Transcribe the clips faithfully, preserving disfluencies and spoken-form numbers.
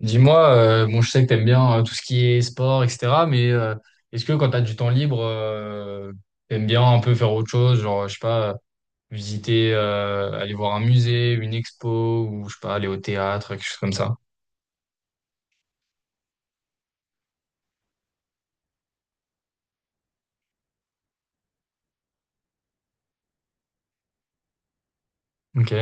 Dis-moi, euh, bon, je sais que t'aimes bien euh, tout ce qui est sport, et cetera. Mais euh, est-ce que quand t'as du temps libre, euh, t'aimes bien un peu faire autre chose, genre, je sais pas, visiter, euh, aller voir un musée, une expo, ou je sais pas, aller au théâtre, quelque chose comme ça. Ok.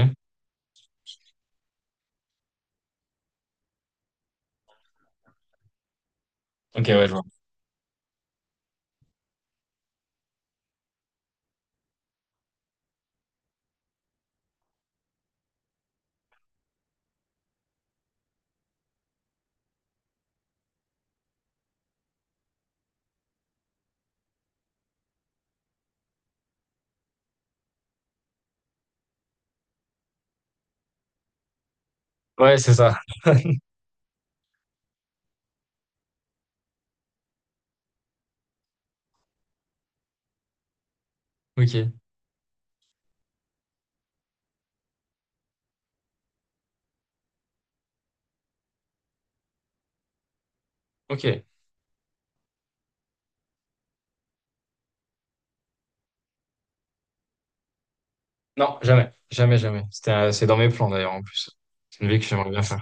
Ok, ouais, je vois. Ouais, c'est ça. Ok. Ok. Non, jamais. Jamais, jamais. C'était, euh, c'est dans mes plans d'ailleurs, en plus. C'est une vie que j'aimerais bien faire.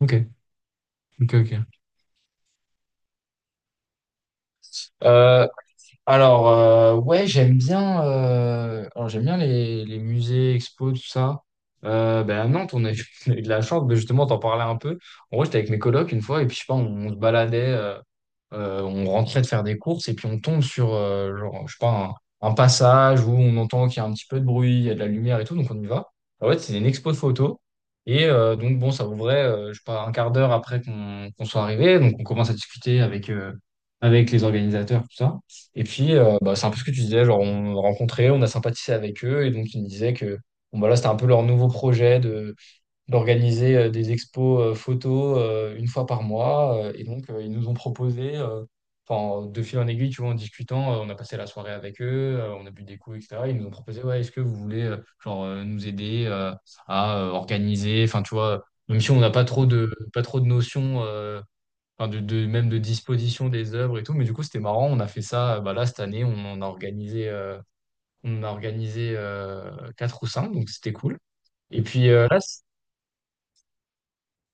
Ok. Ok, ok. Euh, Alors, euh, ouais, j'aime bien, euh, alors j'aime bien les, les musées, expos, tout ça. Euh, ben à Nantes, on a eu, on a eu de la chance, mais justement, t'en parlais un peu. En gros, j'étais avec mes colocs une fois, et puis je sais pas, on, on se baladait, euh, euh, on rentrait de faire des courses, et puis on tombe sur, euh, genre, je sais pas, un, un passage où on entend qu'il y a un petit peu de bruit, il y a de la lumière et tout, donc on y va. En fait, c'est une expo de photos. Et euh, donc, bon, ça ouvrait, euh, je sais pas, un quart d'heure après qu'on qu'on soit arrivé. Donc, on commence à discuter avec, euh, avec les organisateurs, tout ça. Et puis, euh, bah, c'est un peu ce que tu disais, genre on a rencontré, on a sympathisé avec eux, et donc ils me disaient que bon, bah, là, c'était un peu leur nouveau projet de d'organiser euh, des expos euh, photos euh, une fois par mois. Euh, et donc, euh, ils nous ont proposé, euh, enfin, de fil en aiguille, tu vois, en discutant, euh, on a passé la soirée avec eux, euh, on a bu des coups, et cetera. Ils nous ont proposé, ouais, est-ce que vous voulez euh, genre, euh, nous aider euh, à euh, organiser, enfin, tu vois, même si on n'a pas trop de, pas trop de notions. euh, enfin de, de même de disposition des œuvres et tout. Mais du coup, c'était marrant. On a fait ça. euh, Bah là, cette année, on en a organisé, euh, on en a organisé euh, quatre ou cinq, donc c'était cool. Et puis euh, là, c'est-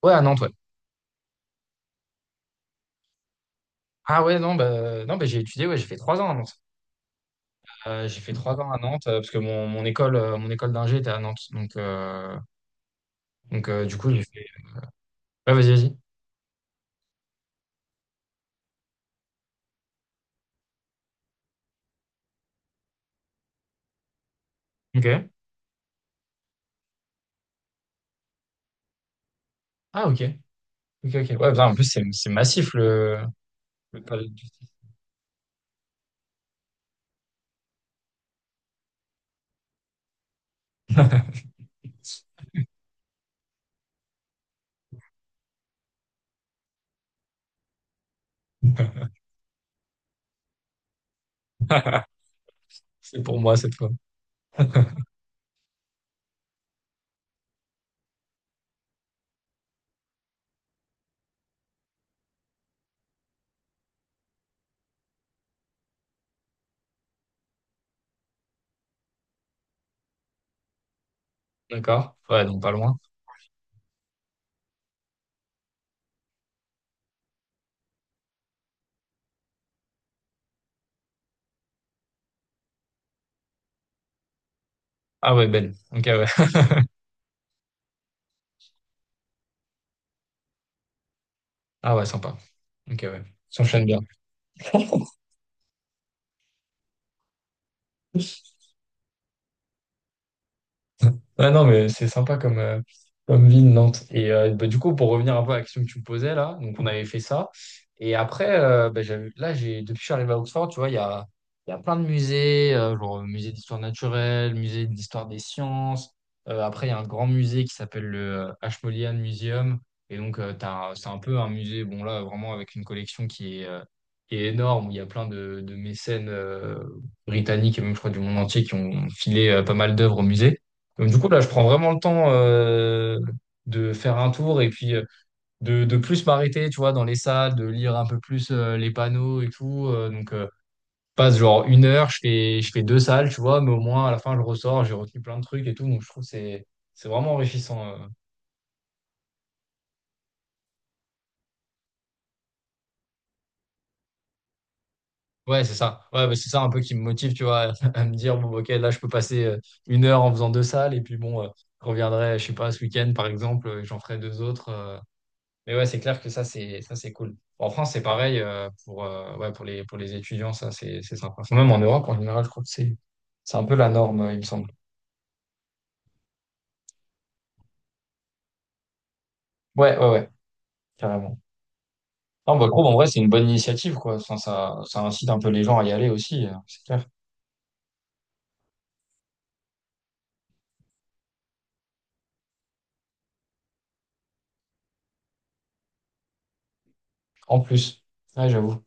ouais, à Nantes, ouais. Ah ouais, non, bah, non, bah, j'ai étudié. Ouais, j'ai fait trois ans à Nantes. Euh, j'ai fait trois ans à Nantes euh, parce que mon, mon école, euh, mon école d'ingé était à Nantes. Donc, euh, donc euh, du coup, j'ai fait. Ouais, vas-y, vas-y. Ok. Ah ok. Ok, ok. Ouais, putain, en plus, c'est c'est massif le, le palais de justice. C'est pour moi cette fois. D'accord? Ouais, donc pas loin. Ah ouais, belle. Ok, ouais. Ah ouais, sympa. Ok, ouais. S'enchaîne bien. Ah non, mais c'est sympa comme, euh, comme ville, Nantes. Et euh, bah, du coup, pour revenir un peu à la question que tu me posais là, donc on avait fait ça. Et après, euh, bah, j'avais- là, j'ai, depuis que je suis arrivé à Oxford, tu vois, il y a, il y a plein de musées, euh, genre euh, musée d'histoire naturelle, musée d'histoire des sciences. Euh, après, il y a un grand musée qui s'appelle le euh, Ashmolean Museum. Et donc, euh, t'as un- c'est un peu un musée, bon là, vraiment avec une collection qui est, euh, qui est énorme, où il y a plein de, de mécènes euh, britanniques et même, je crois, du monde entier qui ont filé euh, pas mal d'œuvres au musée. Donc, du coup, là, je prends vraiment le temps euh, de faire un tour et puis euh, de, de plus m'arrêter, tu vois, dans les salles, de lire un peu plus euh, les panneaux et tout. Euh, donc, euh, je passe genre une heure, je fais, je fais deux salles, tu vois, mais au moins, à la fin, je ressors, j'ai retenu plein de trucs et tout. Donc, je trouve que c'est, c'est vraiment enrichissant. euh. Ouais, c'est ça. Ouais, bah, c'est ça un peu qui me motive, tu vois, à me dire, bon, ok, là, je peux passer euh, une heure en faisant deux salles et puis bon, euh, je reviendrai, je sais pas, ce week-end, par exemple, et j'en ferai deux autres. euh, Mais ouais, c'est clair que ça, c'est ça, c'est cool. En France, c'est pareil euh, pour, euh, ouais, pour les, pour les étudiants, ça, c'est c'est sympa. Enfin, même en Europe, en général, je crois que c'est c'est un peu la norme, euh, il me semble. Ouais, ouais, ouais, carrément. Non, bah, je trouve, en vrai, c'est une bonne initiative, quoi. Enfin, ça, ça incite un peu les gens à y aller aussi, euh, c'est clair. En plus, ouais, j'avoue.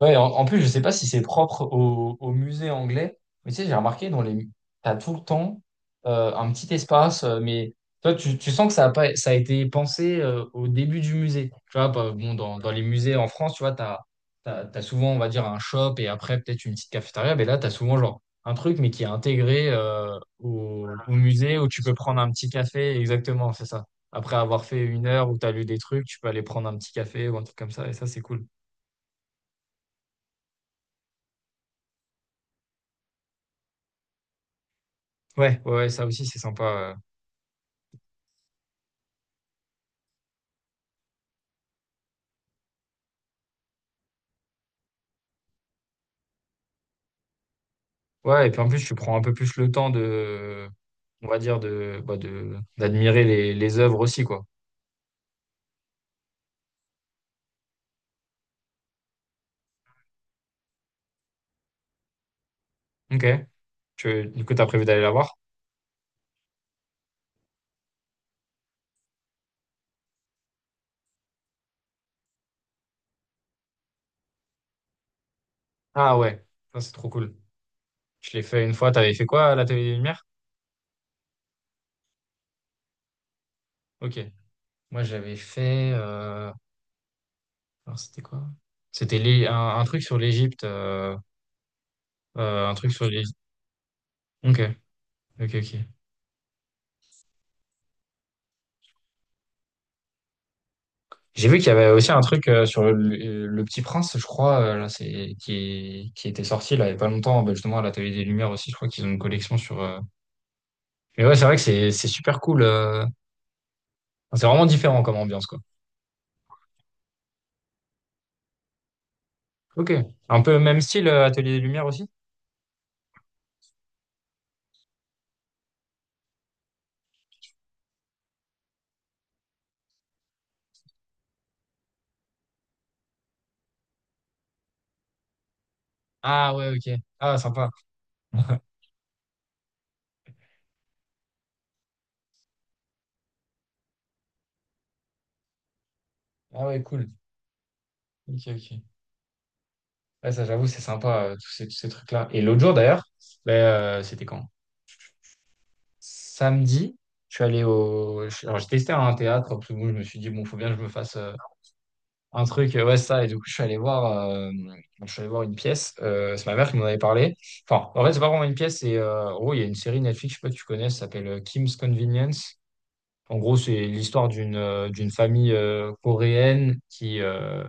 Ouais, en, en plus, je sais pas si c'est propre au, au musée anglais, mais tu sais, j'ai remarqué dans les, t'as tout le temps euh, un petit espace, euh, mais toi, tu, tu sens que ça a pas, ça a été pensé euh, au début du musée. Tu vois, bah, bon, dans, dans les musées en France, tu vois, t'as, t'as, t'as souvent, on va dire, un shop et après peut-être une petite cafétéria, mais là, t'as souvent genre un truc, mais qui est intégré euh, au, au musée où tu peux prendre un petit café. Exactement, c'est ça. Après avoir fait une heure où t'as lu des trucs, tu peux aller prendre un petit café ou un truc comme ça, et ça, c'est cool. Ouais, ouais, ouais, ça aussi, c'est sympa. euh. Ouais, et puis en plus, tu prends un peu plus le temps de, on va dire, de, bah, de, d'admirer les, les œuvres aussi, quoi. Ok. Tu, du coup, t'as prévu d'aller la voir? Ah ouais, ça, c'est trop cool. Je l'ai fait une fois. T'avais fait quoi à l'Atelier des Lumières? Ok. Moi, j'avais fait, euh... alors, c'était quoi? C'était l'É- un, un truc sur l'Égypte, euh, euh, un truc sur l'Égypte. Ok, ok, ok. J'ai vu qu'il y avait aussi un truc euh, sur le, le- Petit Prince, je crois, euh, là, c'est, qui, qui était sorti là, il y a pas longtemps, bah, justement à la télé des Lumières aussi, je crois qu'ils ont une collection sur. euh, Mais ouais, c'est vrai que c'est c'est super cool. euh, Enfin, c'est vraiment différent comme ambiance, quoi. Ok. Un peu même style, euh, Atelier des Lumières aussi? Ah ouais, ok. Ah, sympa. Ah ouais, cool. Ok, ok. Ouais, ça, j'avoue, c'est sympa, euh, tous ces, tous ces trucs-là. Et l'autre jour, d'ailleurs, bah, euh, c'était quand? Samedi, je suis allé au. Je- Alors, j'ai testé un théâtre, parce que bon, je me suis dit, bon, faut bien que je me fasse. Un truc, euh, ouais, ça. Et du coup, je suis allé voir, euh, je suis allé voir une pièce. euh, c'est ma mère qui m'en avait parlé. Enfin, en fait, c'est pas vraiment une pièce. C'est, euh, en gros, il y a une série Netflix, je sais pas si tu connais, ça s'appelle euh, Kim's Convenience. En gros, c'est l'histoire d'une euh, d'une famille euh, coréenne qui, euh,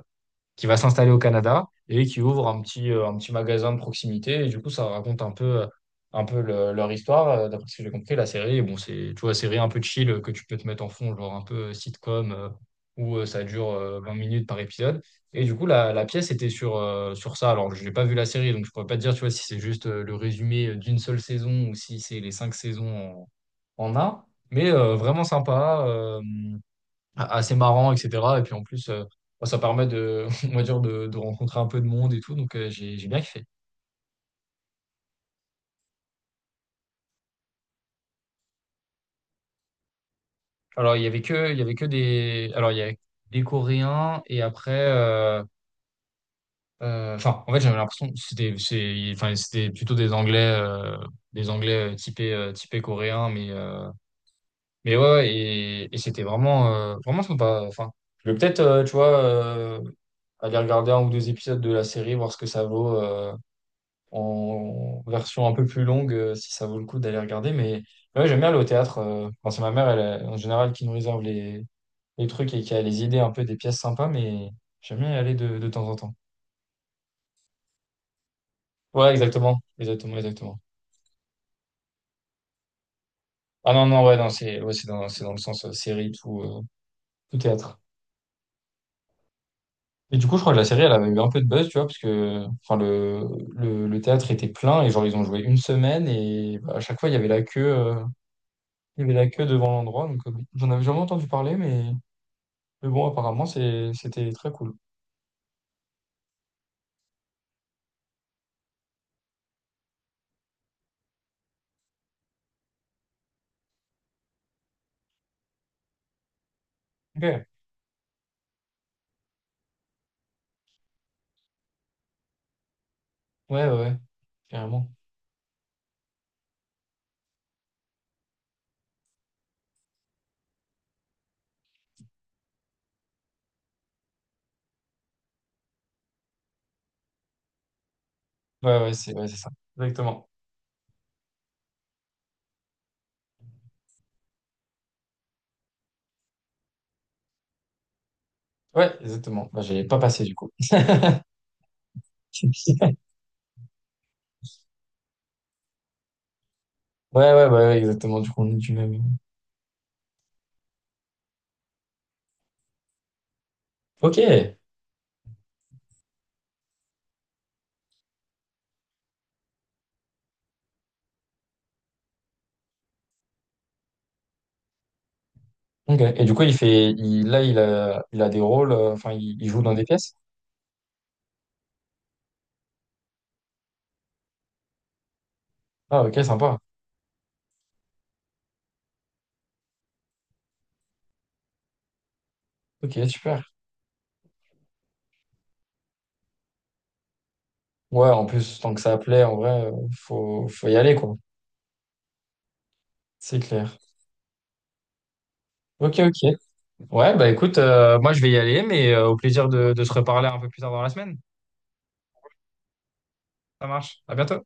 qui va s'installer au Canada et qui ouvre un petit, euh, un petit magasin de proximité. Et du coup, ça raconte un peu, euh, un peu le- leur histoire. Euh, D'après ce que j'ai compris, la série, bon, c'est, tu vois, série un peu chill euh, que tu peux te mettre en fond, genre un peu euh, sitcom, euh, où euh, ça dure euh, vingt minutes par épisode. Et du coup, la, la pièce était sur, euh, sur ça. Alors, je n'ai pas vu la série, donc je ne pourrais pas te dire, tu vois, si c'est juste euh, le résumé euh, d'une seule saison ou si c'est les cinq saisons en, en un. Mais euh, vraiment sympa. euh, a- assez marrant, et cetera. Et puis en plus, euh, bon, ça permet de, on va dire, de, de rencontrer un peu de monde et tout. Donc euh, j'ai j'ai bien kiffé. Alors il y avait que, il y avait que des, alors il y avait des Coréens et après, euh, euh, enfin en fait j'avais l'impression que c'était, c'est, enfin c'était plutôt des Anglais, euh, des Anglais euh, typés, euh, typés coréens, mais euh, mais ouais ouais, et, et c'était vraiment, euh, vraiment sympa. Enfin, je vais peut-être, euh, tu vois, euh, aller regarder un ou deux épisodes de la série, voir ce que ça vaut. euh, en version un peu plus longue euh, si ça vaut le coup d'aller regarder. Mais ouais, j'aime bien aller au théâtre. euh, Enfin, c'est ma mère, elle, en général, qui nous réserve les, les trucs et qui a les idées un peu des pièces sympas, mais j'aime bien y aller de, de temps en temps. Ouais, exactement. Exactement, exactement. Ah non, non, ouais, non, c'est ouais, c'est dans, c'est dans le sens euh, série, tout, euh, tout théâtre. Et du coup, je crois que la série, elle avait eu un peu de buzz, tu vois, parce que enfin, le, le, le théâtre était plein et genre, ils ont joué une semaine et bah, à chaque fois, il y avait la queue, euh, il y avait la queue devant l'endroit. Donc, euh, j'en avais jamais entendu parler, mais Mais bon, apparemment, c'est, c'était très cool. Ok. Ouais, ouais, ouais, carrément. Ouais, ouais, c'est ouais, c'est ça. Exactement. Ouais, exactement. Bah, j'allais pas passer du coup. Ouais, ouais, bah, ouais, exactement. Du coup, on est du même. Ok. Ok. Et du coup, il fait, il, là, il a, il a des rôles. euh, Enfin, il, il joue dans des pièces. Ah, ok, sympa. Ok, super. Ouais, en plus, tant que ça plaît, en vrai, euh, faut, faut y aller, quoi. C'est clair. Ok, ok. Ouais, bah écoute, euh, moi, je vais y aller, mais euh, au plaisir de, de se reparler un peu plus tard dans la semaine. Ça marche. À bientôt.